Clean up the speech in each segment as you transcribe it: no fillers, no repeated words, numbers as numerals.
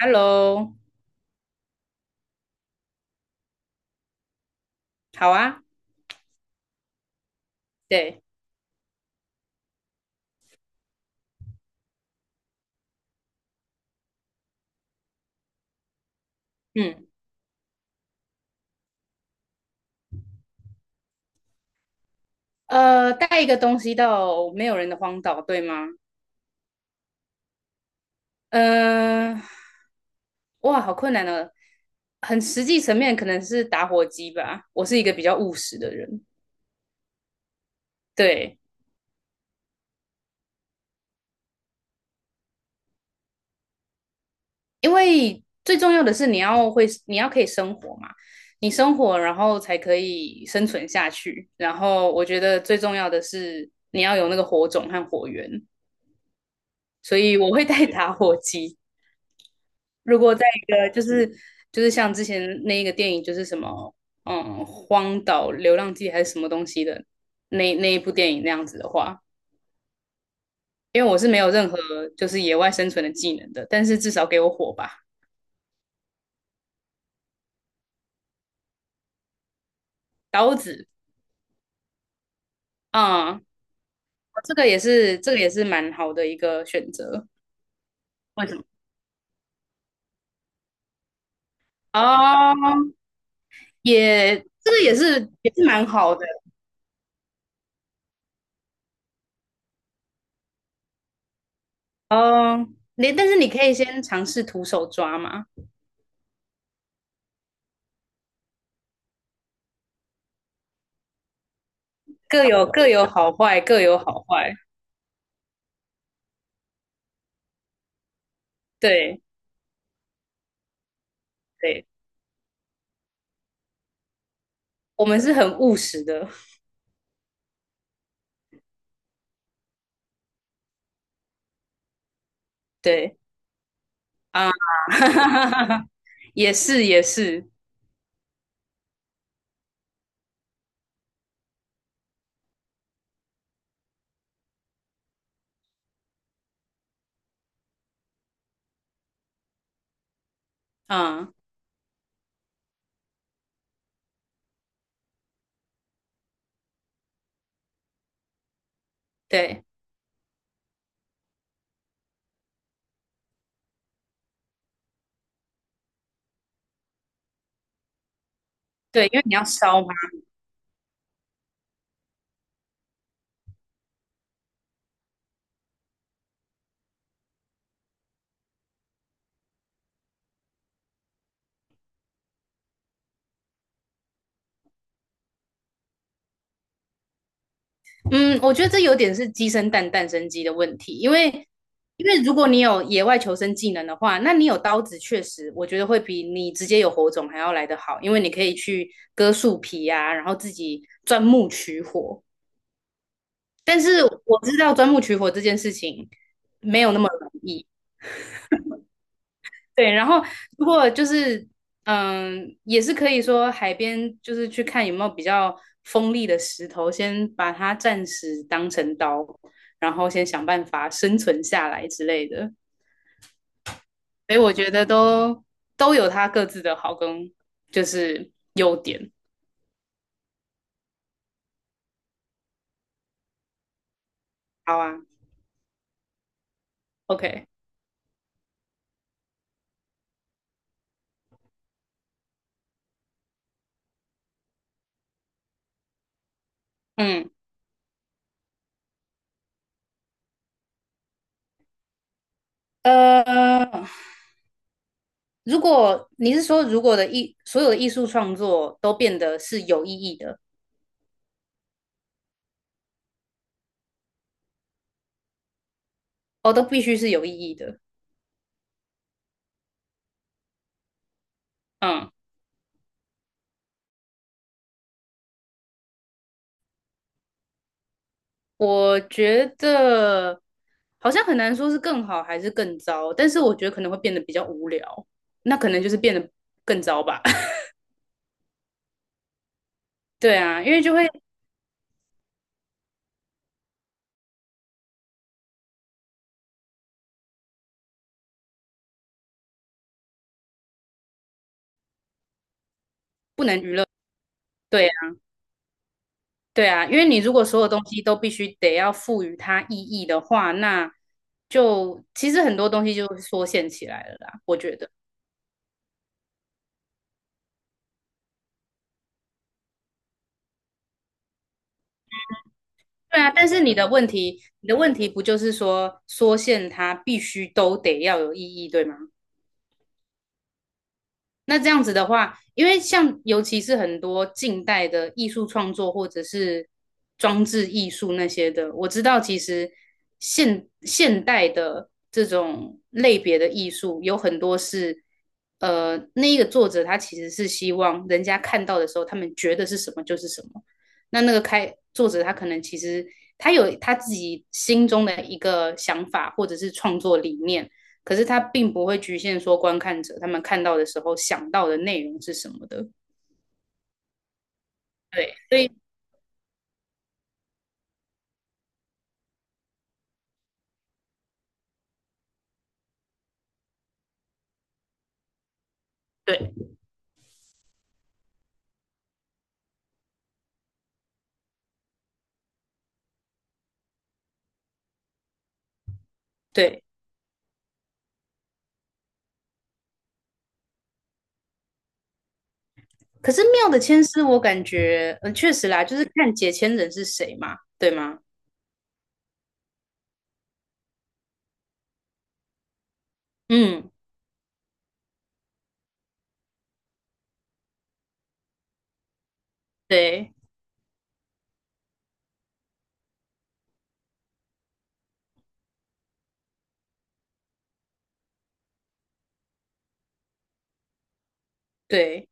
Hello。好啊。对。嗯，带一个东西到没有人的荒岛，对吗？嗯、呃哇，好困难哦。很实际层面可能是打火机吧，我是一个比较务实的人。对，因为最重要的是你要可以生活嘛，你生活然后才可以生存下去，然后我觉得最重要的是你要有那个火种和火源，所以我会带打火机。如果在一个就是像之前那一个电影，就是什么荒岛流浪记还是什么东西的，那一部电影那样子的话，因为我是没有任何就是野外生存的技能的，但是至少给我火吧。刀子啊、哦，这个也是蛮好的一个选择。为什么？啊？这个也是蛮好的哦。你但是你可以先尝试徒手抓嘛。各有好坏，各有好坏。对对，我们是很务实的。对啊，也是也是。嗯，对对，因为你要烧嘛。嗯，我觉得这有点是鸡生蛋，蛋生鸡的问题，因为如果你有野外求生技能的话，那你有刀子，确实我觉得会比你直接有火种还要来得好，因为你可以去割树皮啊，然后自己钻木取火。但是我知道钻木取火这件事情没有那么容易。对，然后如果就是也是可以说海边就是去看有没有比较锋利的石头，先把它暂时当成刀，然后先想办法生存下来之类的。所以我觉得都有它各自的好跟就是优点。好啊，OK。嗯，呃，如果你是说如果的艺所有的艺术创作都变得是有意义的，哦，都必须是有意义的。嗯。我觉得好像很难说是更好还是更糟，但是我觉得可能会变得比较无聊，那可能就是变得更糟吧。对啊，因为就会，对啊，对啊，因为你如果所有东西都必须得要赋予它意义的话，那就其实很多东西就缩限起来了啦，我觉得。对啊，但是你的问题，你的问题不就是说缩限它必须都得要有意义，对吗？那这样子的话，因为像尤其是很多近代的艺术创作或者是装置艺术那些的，我知道其实现代的这种类别的艺术有很多是，那一个作者他其实是希望人家看到的时候，他们觉得是什么就是什么。那那个开作者他可能其实他有他自己心中的一个想法或者是创作理念，可是他并不会局限说观看者他们看到的时候想到的内容是什么的。对，所以对对。可是妙的签诗，我感觉确实啦，就是看解签人是谁嘛，对吗？嗯，对对。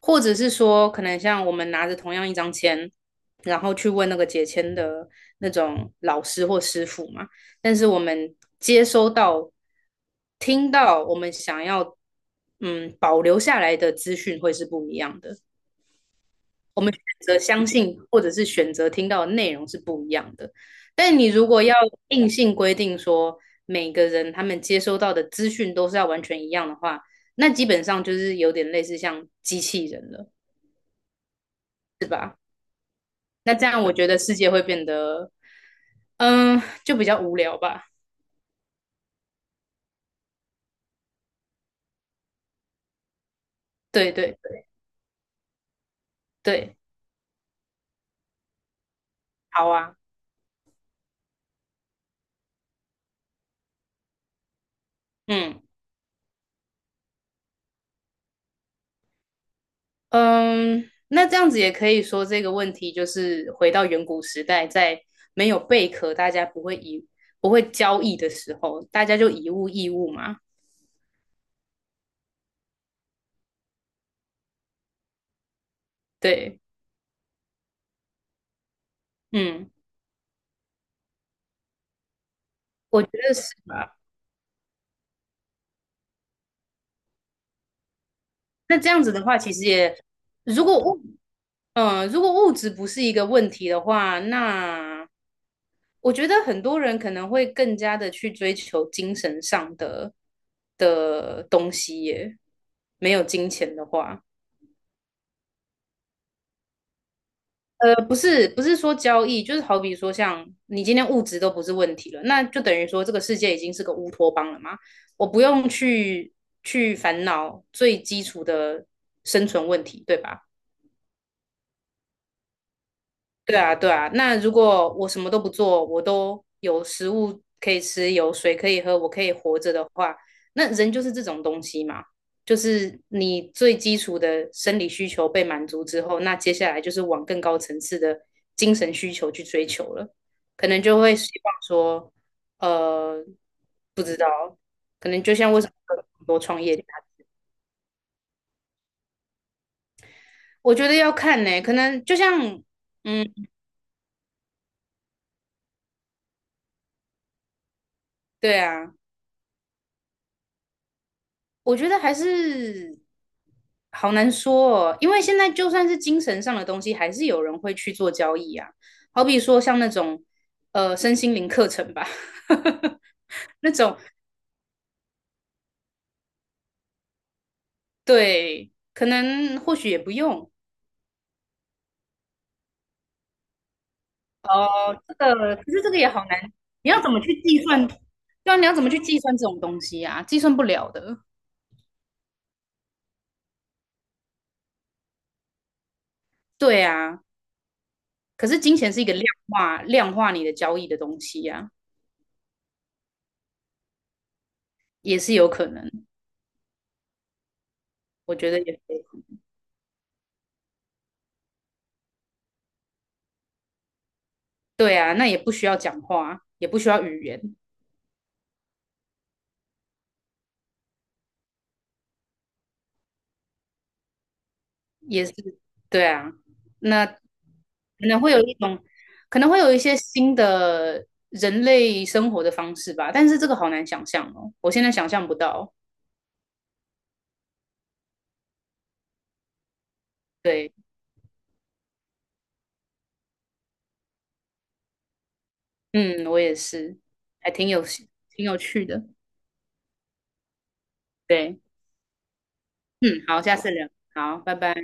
或者是说可能像我们拿着同样一张签，然后去问那个解签的那种老师或师傅嘛，但是我们接收到、听到我们想要保留下来的资讯会是不一样的。我们选择相信或者是选择听到的内容是不一样的。但你如果要硬性规定说每个人他们接收到的资讯都是要完全一样的话，那基本上就是有点类似像机器人了。那这样我觉得世界会变得，就比较无聊吧。对对对。好啊。嗯。嗯，那这样子也可以说这个问题就是回到远古时代，在没有贝壳，大家不会以不会交易的时候，大家就以物易物嘛。对。嗯，我觉得是吧？那这样子的话，其实也如果物，嗯，如果物质不是一个问题的话，那我觉得很多人可能会更加的去追求精神上的的东西耶，没有金钱的话。不是，不是说交易，就是好比说，像你今天物质都不是问题了，那就等于说这个世界已经是个乌托邦了嘛。我不用去烦恼最基础的生存问题，对吧？对啊，对啊。那如果我什么都不做，我都有食物可以吃，有水可以喝，我可以活着的话，那人就是这种东西嘛，就是你最基础的生理需求被满足之后，那接下来就是往更高层次的精神需求去追求了，可能就会希望说，呃，不知道，可能就像为什么很多创业家我觉得要看呢、可能就像。嗯，对啊，我觉得还是。好难说哦，因为现在就算是精神上的东西，还是有人会去做交易啊。好比说像那种身心灵课程吧，那种对，可能或许也不用哦。这个可是这个也好难，你要怎么去计算？对啊，你要怎么去计算这种东西啊？计算不了的。对啊，可是金钱是一个量化你的交易的东西呀、也是有可能。我觉得也是有可能。对啊，那也不需要讲话，也不需要语言。也是，对啊，那可能会有一种，可能会有一些新的人类生活的方式吧，但是这个好难想象哦，我现在想象不到。对，嗯，我也是，还挺有趣的。对，嗯，好，下次聊，好，拜拜。